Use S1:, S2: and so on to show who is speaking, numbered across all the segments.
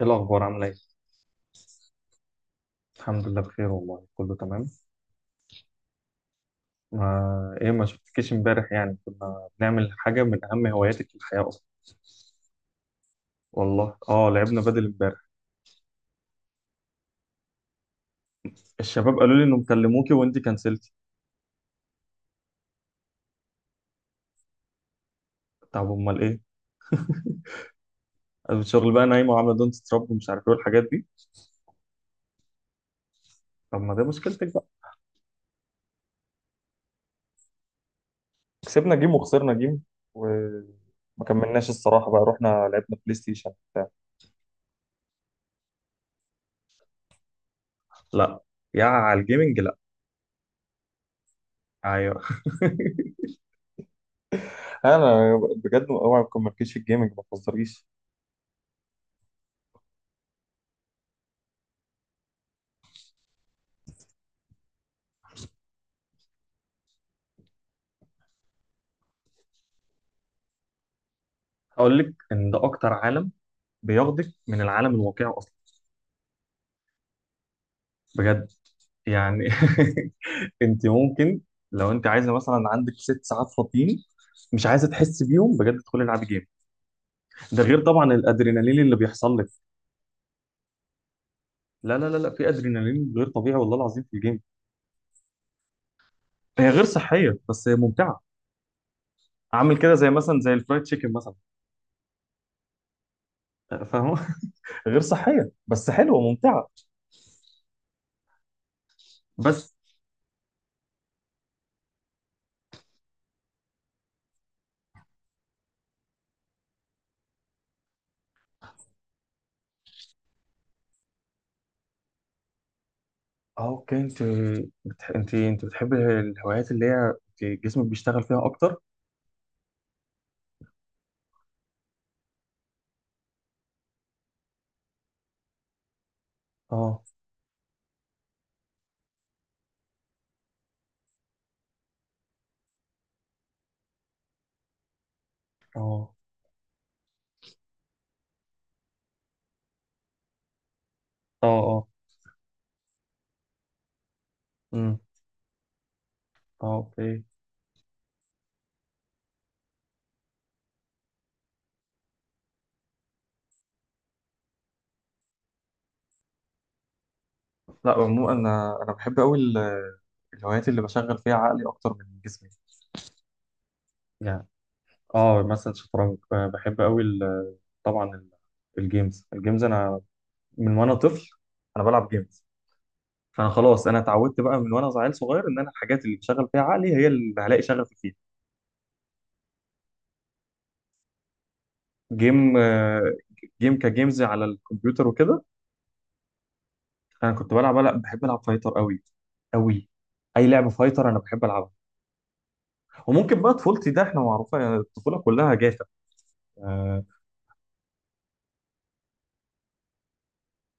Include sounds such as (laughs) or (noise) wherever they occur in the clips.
S1: ايه الاخبار؟ عامله ايه؟ الحمد لله، بخير والله، كله تمام. ما ايه، ما شفتكيش امبارح، يعني كنا بنعمل حاجه من اهم هواياتك في الحياه اصلا. والله اه، لعبنا بدل امبارح. الشباب قالوا لي انهم كلموكي وانت كنسلتي. طب امال ايه؟ قالوا الشغل بقى نايمه وعامله دونت تراب ومش عارف ايه والحاجات دي. طب ما ده مشكلتك بقى. كسبنا جيم وخسرنا جيم. وما كملناش الصراحة، بقى رحنا. لعبنا بلاي ستيشن بتاع. لا. يا على الجيمنج، لا. ايوه. (laughs) انا بجد، اوعى ما تكون مركزش في الجيمنج، ما تهزريش. هقول لك ان ده اكتر عالم بياخدك من العالم الواقعي اصلا. بجد. يعني (laughs) انت ممكن، لو انت عايزه مثلا عندك 6 ساعات فاضيين، مش عايزه تحس بيهم، بجد تدخلي العبي جيم. ده غير طبعا الادرينالين اللي بيحصل لك. لا لا لا لا، في ادرينالين غير طبيعي والله العظيم في الجيم. هي غير صحيه بس هي ممتعه. عامل كده زي مثلا، زي الفرايد تشيكن مثلا. فاهمه؟ (laughs) غير صحيه بس حلوه ممتعه. بس. اه، اوكي. انت بتحبي الهوايات اللي هي انت جسمك بيشتغل فيها اكتر؟ اه، اه، اه، اه. امم. اه، اوكي. لا عموما، انا بحب قوي الهوايات اللي بشغل فيها عقلي اكتر من جسمي. يعني اه مثلا شطرنج، بحب قوي طبعا الجيمز، انا من وانا طفل انا بلعب جيمز. فانا خلاص، انا اتعودت بقى من وانا عيل صغير ان انا الحاجات اللي بشغل فيها عقلي هي اللي هلاقي شغفي فيها. جيم، جيم كجيمز على الكمبيوتر وكده. انا كنت بلعب، لا بحب العب فايتر قوي قوي. اي لعبه فايتر انا بحب العبها. وممكن بقى طفولتي ده احنا معروفه، يعني الطفوله كلها جافه. آه.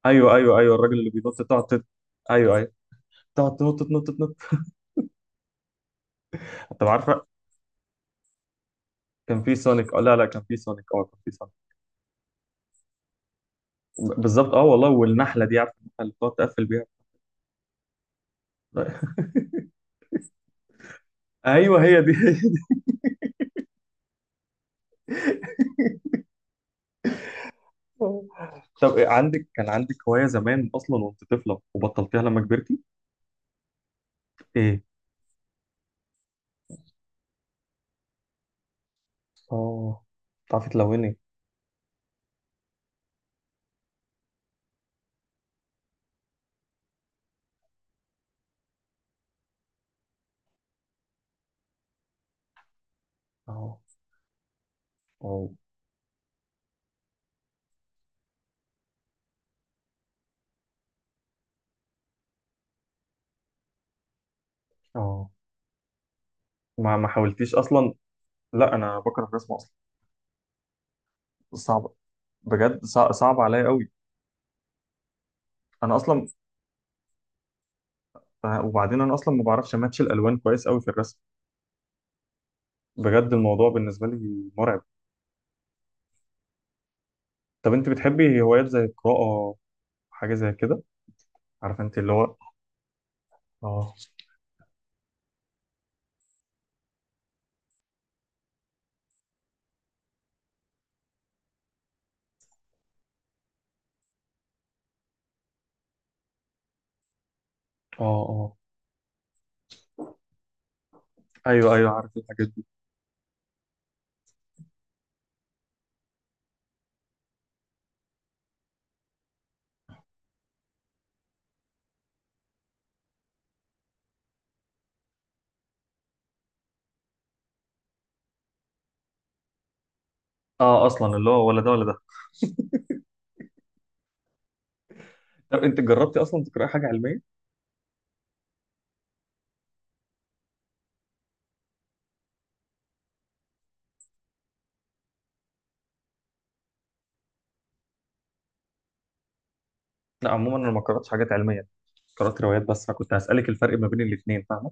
S1: ايوه ايوه ايوه، الراجل اللي بينط، تقعد ايوه ايوه، تقعد تنط تنط تنط. انت عارفه. كان في سونيك، اه لا لا، كان في سونيك، اه كان في سونيك. بالظبط، اه والله، والنحله دي، عارفه النحله اللي بتقعد تقفل بيها؟ (laughs) ايوه هي دي هي دي. طب إيه، عندك كان عندك هوايه زمان اصلا وانت طفله وبطلتيها لما كبرتي؟ ايه؟ اه. بتعرفي تلوني؟ اه، اه، اه. ما حاولتيش اصلا؟ لا، انا بكره الرسم اصلا. صعب. بجد صعب عليا قوي. انا اصلا، وبعدين انا اصلا ما بعرفش ماتش الالوان كويس قوي في الرسم. بجد الموضوع بالنسبه لي مرعب. طب انت بتحبي هوايات زي القراءه؟ حاجه زي كده؟ عارف انت اللي هو، اه، اه، اه، ايوه ايوه، عارف الحاجات دي. اه اصلا، اللي هو ولا ده ولا ده. طب انت جربتي اصلا تقراي حاجه علميه؟ لا عموما، انا ما قراتش حاجات علميه، قرات روايات بس، فكنت هسالك الفرق ما بين الاثنين، فاهمه؟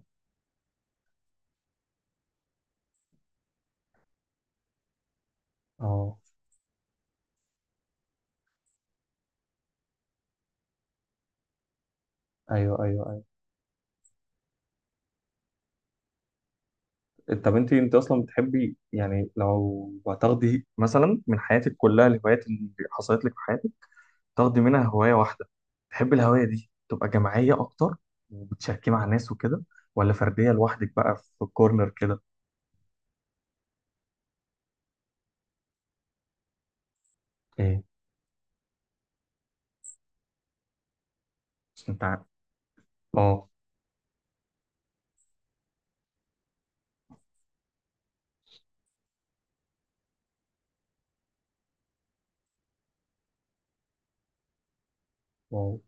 S1: اه، ايوه ايوه ايوه. طب انت اصلا بتحبي، يعني لو هتاخدي مثلا من حياتك كلها الهوايات اللي حصلت لك في حياتك، تاخدي منها هوايه واحده، تحبي الهوايه دي تبقى جماعيه اكتر وبتشاركي مع ناس وكده، ولا فرديه لوحدك بقى في الكورنر كده؟ ايه؟ مش، انت عارف. اه، اه،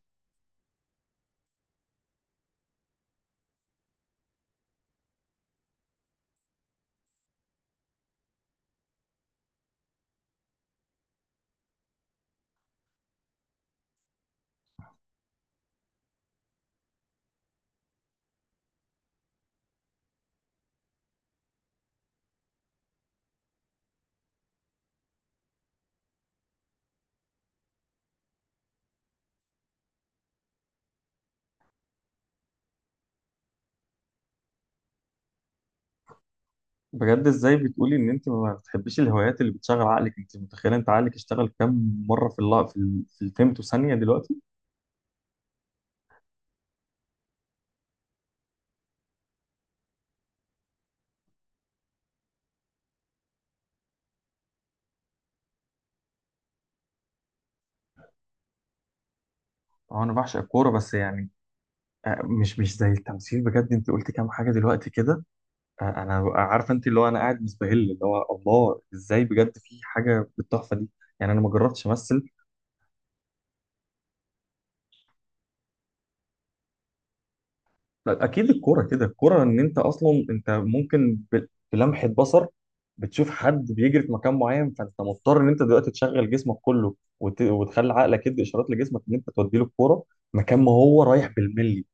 S1: بجد ازاي بتقولي ان انت ما بتحبيش الهوايات اللي بتشغل عقلك؟ انت متخيله انت عقلك اشتغل كام مره في الفيمتو ثانيه دلوقتي؟ اه، انا بعشق الكوره بس يعني، مش زي التمثيل. بجد انت قلت كام حاجه دلوقتي كده. انا عارف، انت اللي هو، انا قاعد مستهل اللي هو الله، ازاي بجد في حاجه بالتحفه دي. يعني انا ما جربتش امثل. لا، اكيد الكوره كده، الكوره ان انت اصلا انت ممكن بلمحه بصر بتشوف حد بيجري في مكان معين، فانت مضطر ان انت دلوقتي تشغل جسمك كله وتخلي عقلك يدي اشارات لجسمك ان انت تودي له الكوره مكان ما هو رايح بالملي.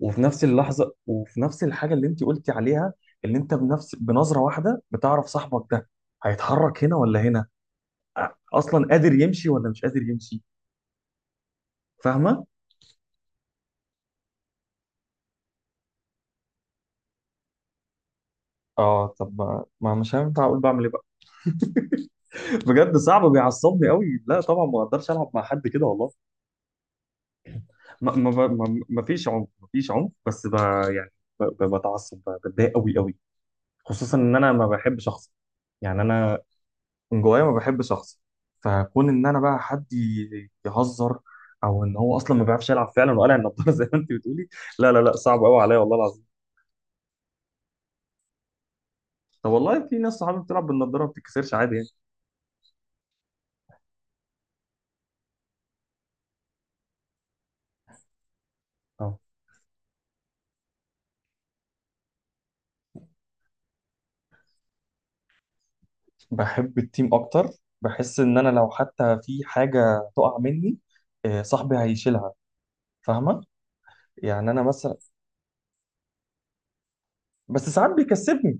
S1: وفي نفس اللحظه، وفي نفس الحاجه اللي انت قلتي عليها، ان انت بنفس بنظره واحده بتعرف صاحبك ده هيتحرك هنا ولا هنا، اصلا قادر يمشي ولا مش قادر يمشي. فاهمه؟ اه، طب ما مش هينفع اقول بعمل ايه بقى. (laughs) بجد صعب، بيعصبني قوي. لا طبعا ما اقدرش العب مع حد كده والله. ما فيش عنف، ما فيش عنف، بس يعني بتعصب، بتضايق قوي قوي. خصوصا ان انا ما بحبش اخسر. يعني انا من جوايا ما بحبش اخسر. فكون ان انا بقى حد يهزر، او ان هو اصلا ما بيعرفش يلعب فعلا وقلع النضاره، (laughs) زي ما انت بتقولي. لا لا لا، صعب قوي عليا والله العظيم. طب والله في ناس صحابي بتلعب بالنضاره ما بتتكسرش عادي يعني. اه، بحب التيم اكتر. بحس ان انا لو حتى في حاجه تقع مني، صاحبي هيشيلها. فاهمه؟ يعني انا مثلا، بس ساعات بيكسبني.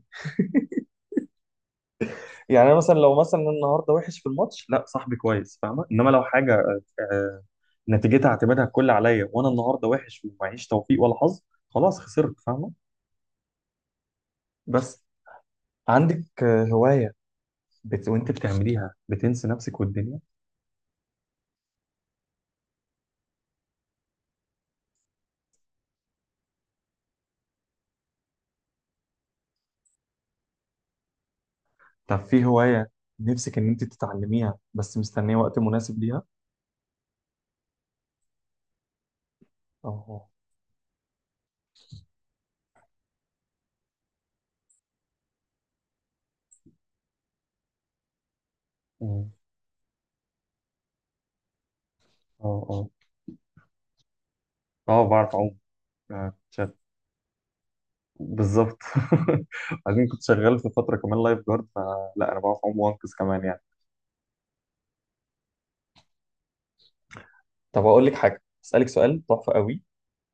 S1: يعني انا مثلا لو مثلا النهارده وحش في الماتش، لا صاحبي كويس، فاهمه. انما لو حاجه نتيجتها اعتمادها الكل عليا، وانا النهارده وحش ومعيش توفيق ولا حظ، خلاص خسرت، فاهمه؟ بس، عندك هوايه وانت بتعمليها بتنسي نفسك والدنيا؟ طب في هوايه نفسك ان انت تتعلميها بس مستنيه وقت مناسب ليها؟ اه، اه، اه. اه، بعرف اعوم. آه، شا- بالظبط. (laughs) عشان كنت شغال في فتره كمان لايف جارد، فلا انا بعرف اعوم وانقذ كمان يعني. طب اقول لك حاجه، اسالك سؤال تحفه قوي.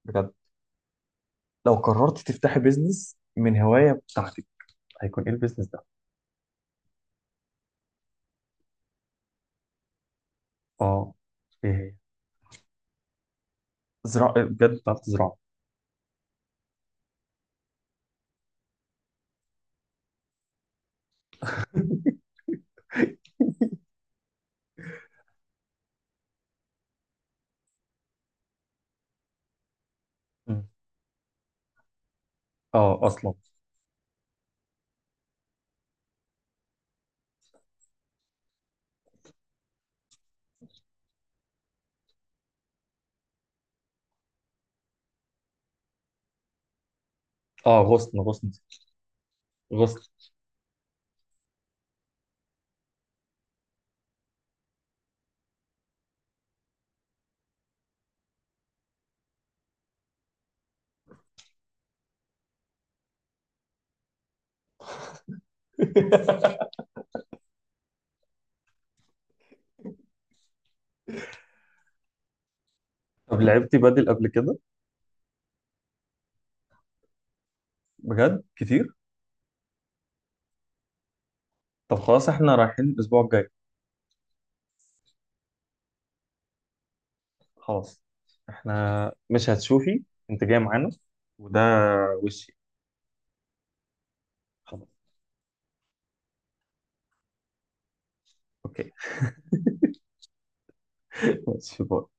S1: بجد، لو قررت تفتحي بيزنس من هوايه بتاعتك، هيكون ايه البيزنس ده؟ اه. ايه هي؟ زراعه؟ إيه، بجد بتعرف تزرع؟ مم. اه اصلا. اه، غصن غصن غصن. (laughs) طب لعبتي بدل قبل كده؟ بجد كتير؟ طب خلاص، احنا رايحين الاسبوع الجاي. خلاص، احنا مش هتشوفي، انت جاي معانا. وده وشي. خلاص. اوكي. (laughs) ماشي، باي.